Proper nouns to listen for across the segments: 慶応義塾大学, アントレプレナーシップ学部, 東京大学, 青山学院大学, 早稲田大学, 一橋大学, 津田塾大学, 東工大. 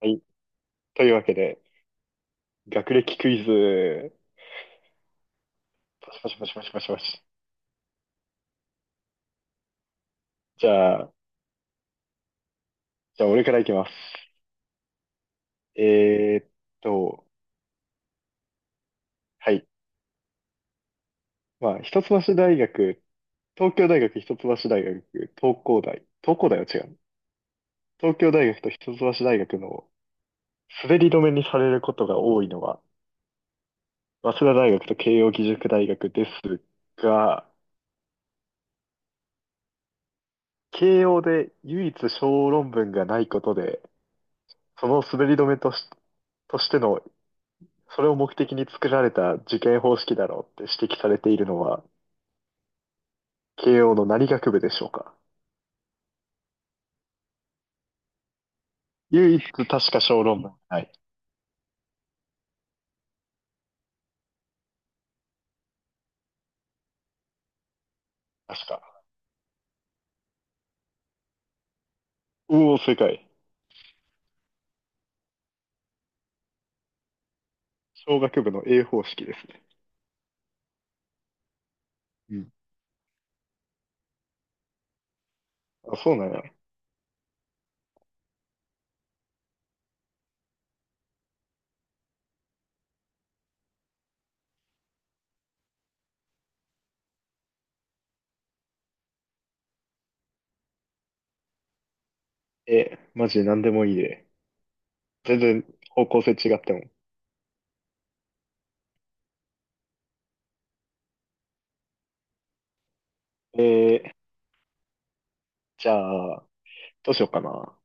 はい。というわけで、学歴クイズ、パシパシパシパシパシパシ。じゃあ、じゃあ、俺からいきます。えーっと、はい。まあ、一橋大学、東京大学、一橋大学、東工大。東工大は違う。東京大学と一橋大学の滑り止めにされることが多いのは、早稲田大学と慶応義塾大学ですが、慶応で唯一小論文がないことで、その滑り止めとしてのそれを目的に作られた受験方式だろうって指摘されているのは、慶応の何学部でしょうか。唯一確か小論文。はい。確か。おお、正解。小学部の A 方式ですね。うん。あ、そうなんや。え、マジ何でもいいで。全然方向性違っても。えー、じゃあ、どうしようかな。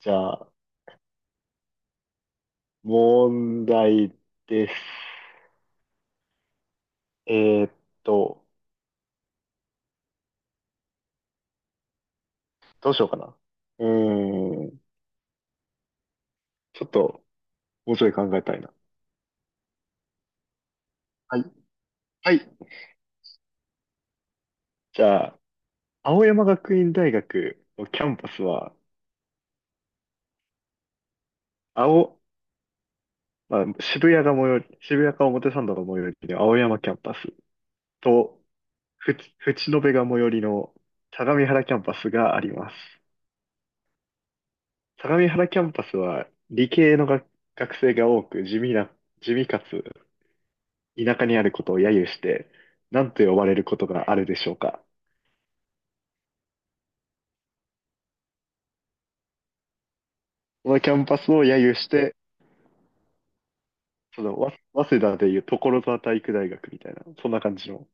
じゃあ、問題です。えーっと、どうしようかな。うーん、ちょっと、もうちょい考えたいな。はい。はい。じゃあ、青山学院大学のキャンパスは、青、まあ、渋谷か表参道が最寄りの青山キャンパスと、淵野辺が最寄りの相模原キャンパスがあります。相模原キャンパスは理系の学生が多く地味かつ田舎にあることを揶揄して、何と呼ばれることがあるでしょうか。このキャンパスを揶揄して、その、早稲田でいう所沢体育大学みたいな、そんな感じの、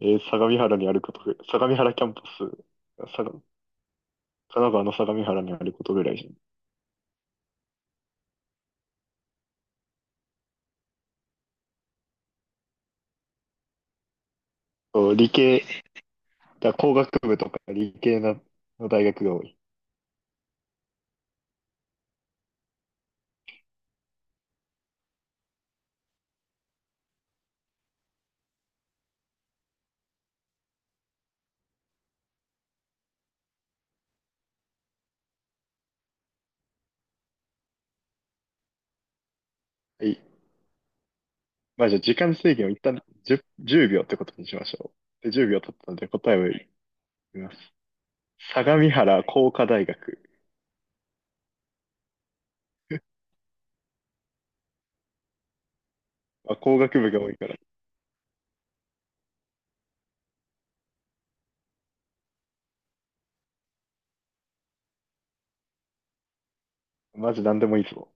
えー相模原にあることぐらい、相模原キャンパス、神奈川の相模原にあることぐらいじゃん。そう理系、だから工学部とか理系の大学が多い。はい。まあじゃあ時間制限を一旦10、秒ってことにしましょう。で、10秒経ったので答えを言います。相模原工科大学。まあ、工学部が多いから。マジ何でもいいぞ。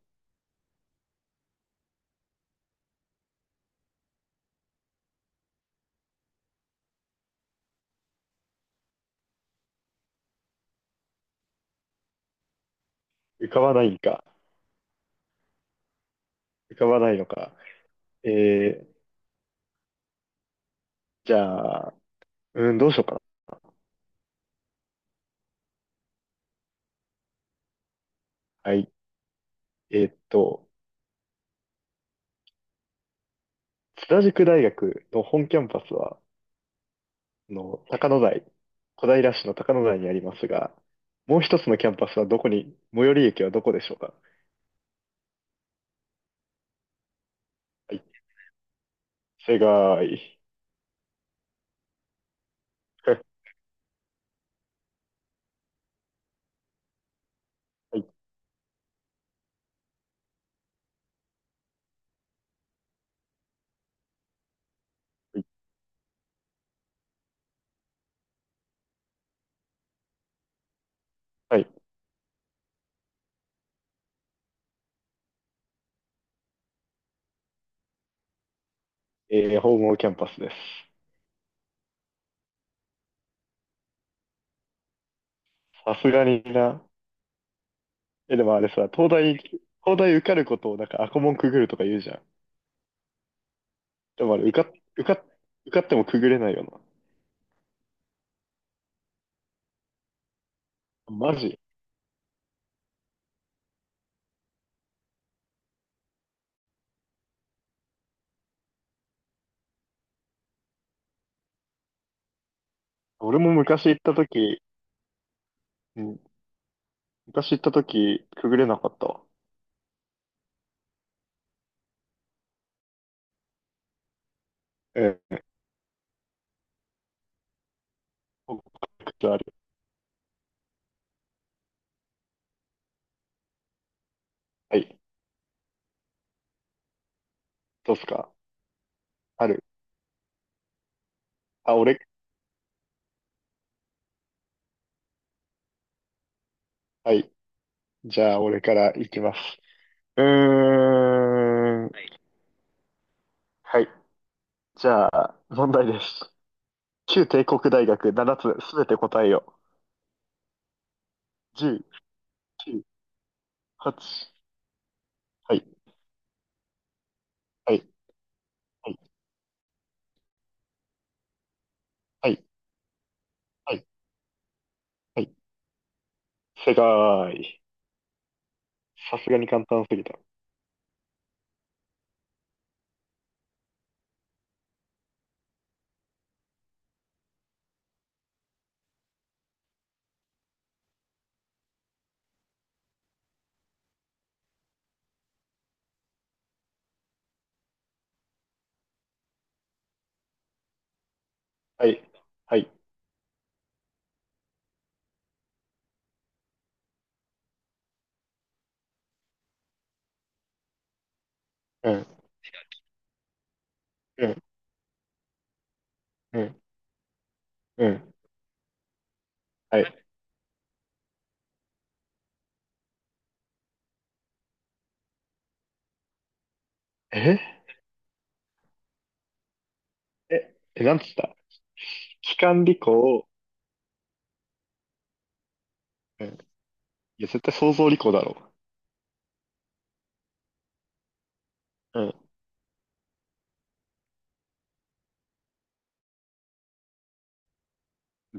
浮かばないんか。浮かばないのか。えー、じゃあ、うん、どうしようかな。はい。えーっと、津田塾大学の本キャンパスは、あの、高野台、小平市の高野台にありますが、もう一つのキャンパスはどこに、最寄り駅はどこでしょうか。はい、正解。はい、はい、はい。えー、本郷キャンパスです。さすがにな。え、でもあれさ、東大受かることをなんか赤門くぐるとか言うじゃん。でもあれ、受かってもくぐれないよな。マジ俺もうん、昔行った時、くぐれなかったわ。えー、僕はい。どうっすかある。あ、俺、はい。じゃあ、俺からいきます。うーん。はい。じゃあ、問題です。旧帝国大学7つすべて答えよ。10、9、8。はい。はい。はい。はい。はい。はい。正解。さすがに簡単すぎた。はい。はい。うん。うん。うん。うん。はい。えなんつった機関理工。うん。いや、絶対想像理工だろう。うん。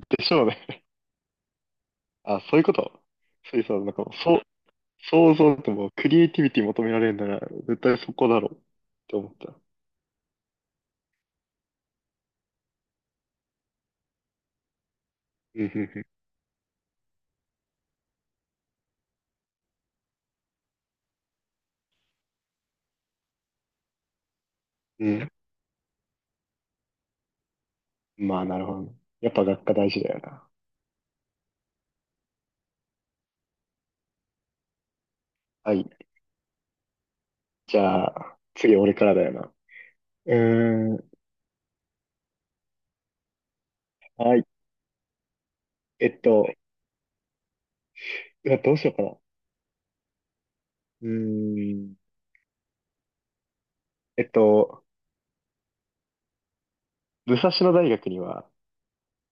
でしょうね。あ、そういうことそういうさ、なんかもう、そう、想像ってもうクリエイティビティ求められるなら、絶対そこだろうって思った。うん、うん、うんまあ、なるほどね。やっぱ学科大事だよな。はい。じゃあ、次俺からだよな。うーん。はい。えっと、うわどうしようかな。うーん。えっと、武蔵野大学には、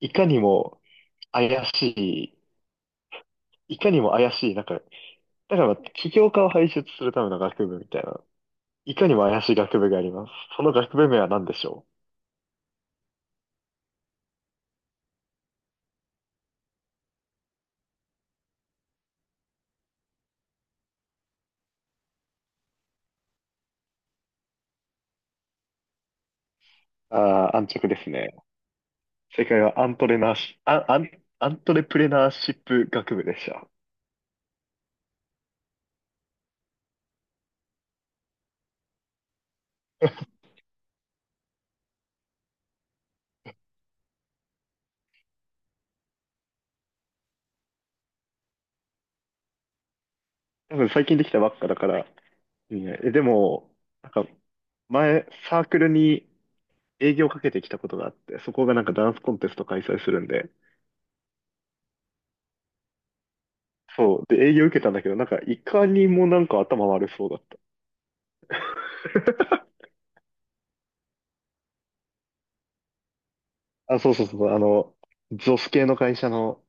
いかにも怪しいかにも怪しい、なんか、だからまあ起業家を輩出するための学部みたいないかにも怪しい学部があります。その学部名は何でしょう。ああー、安直ですね。正解はアントレプレナーシップ学部でした。多分最近できたばっかだから。いいねえ、でも、なんか前サークルに営業かけてきたことがあって、そこがなんかダンスコンテスト開催するんで、そう。で、営業受けたんだけど、なんかいかにもなんか頭悪そうだった。あ、そうそうそう、あの、ゾス系の会社の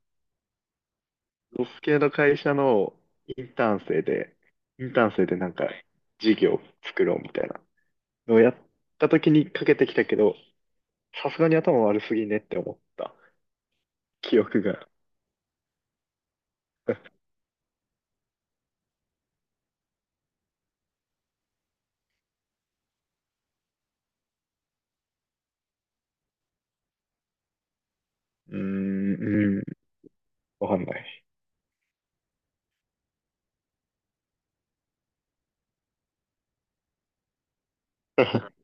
ロス系の会社のインターン生で、インターン生でなんか事業を作ろうみたいなのをやった時にかけてきたけど、さすがに頭悪すぎねって思った記憶が。うーん、うーん、わかんない。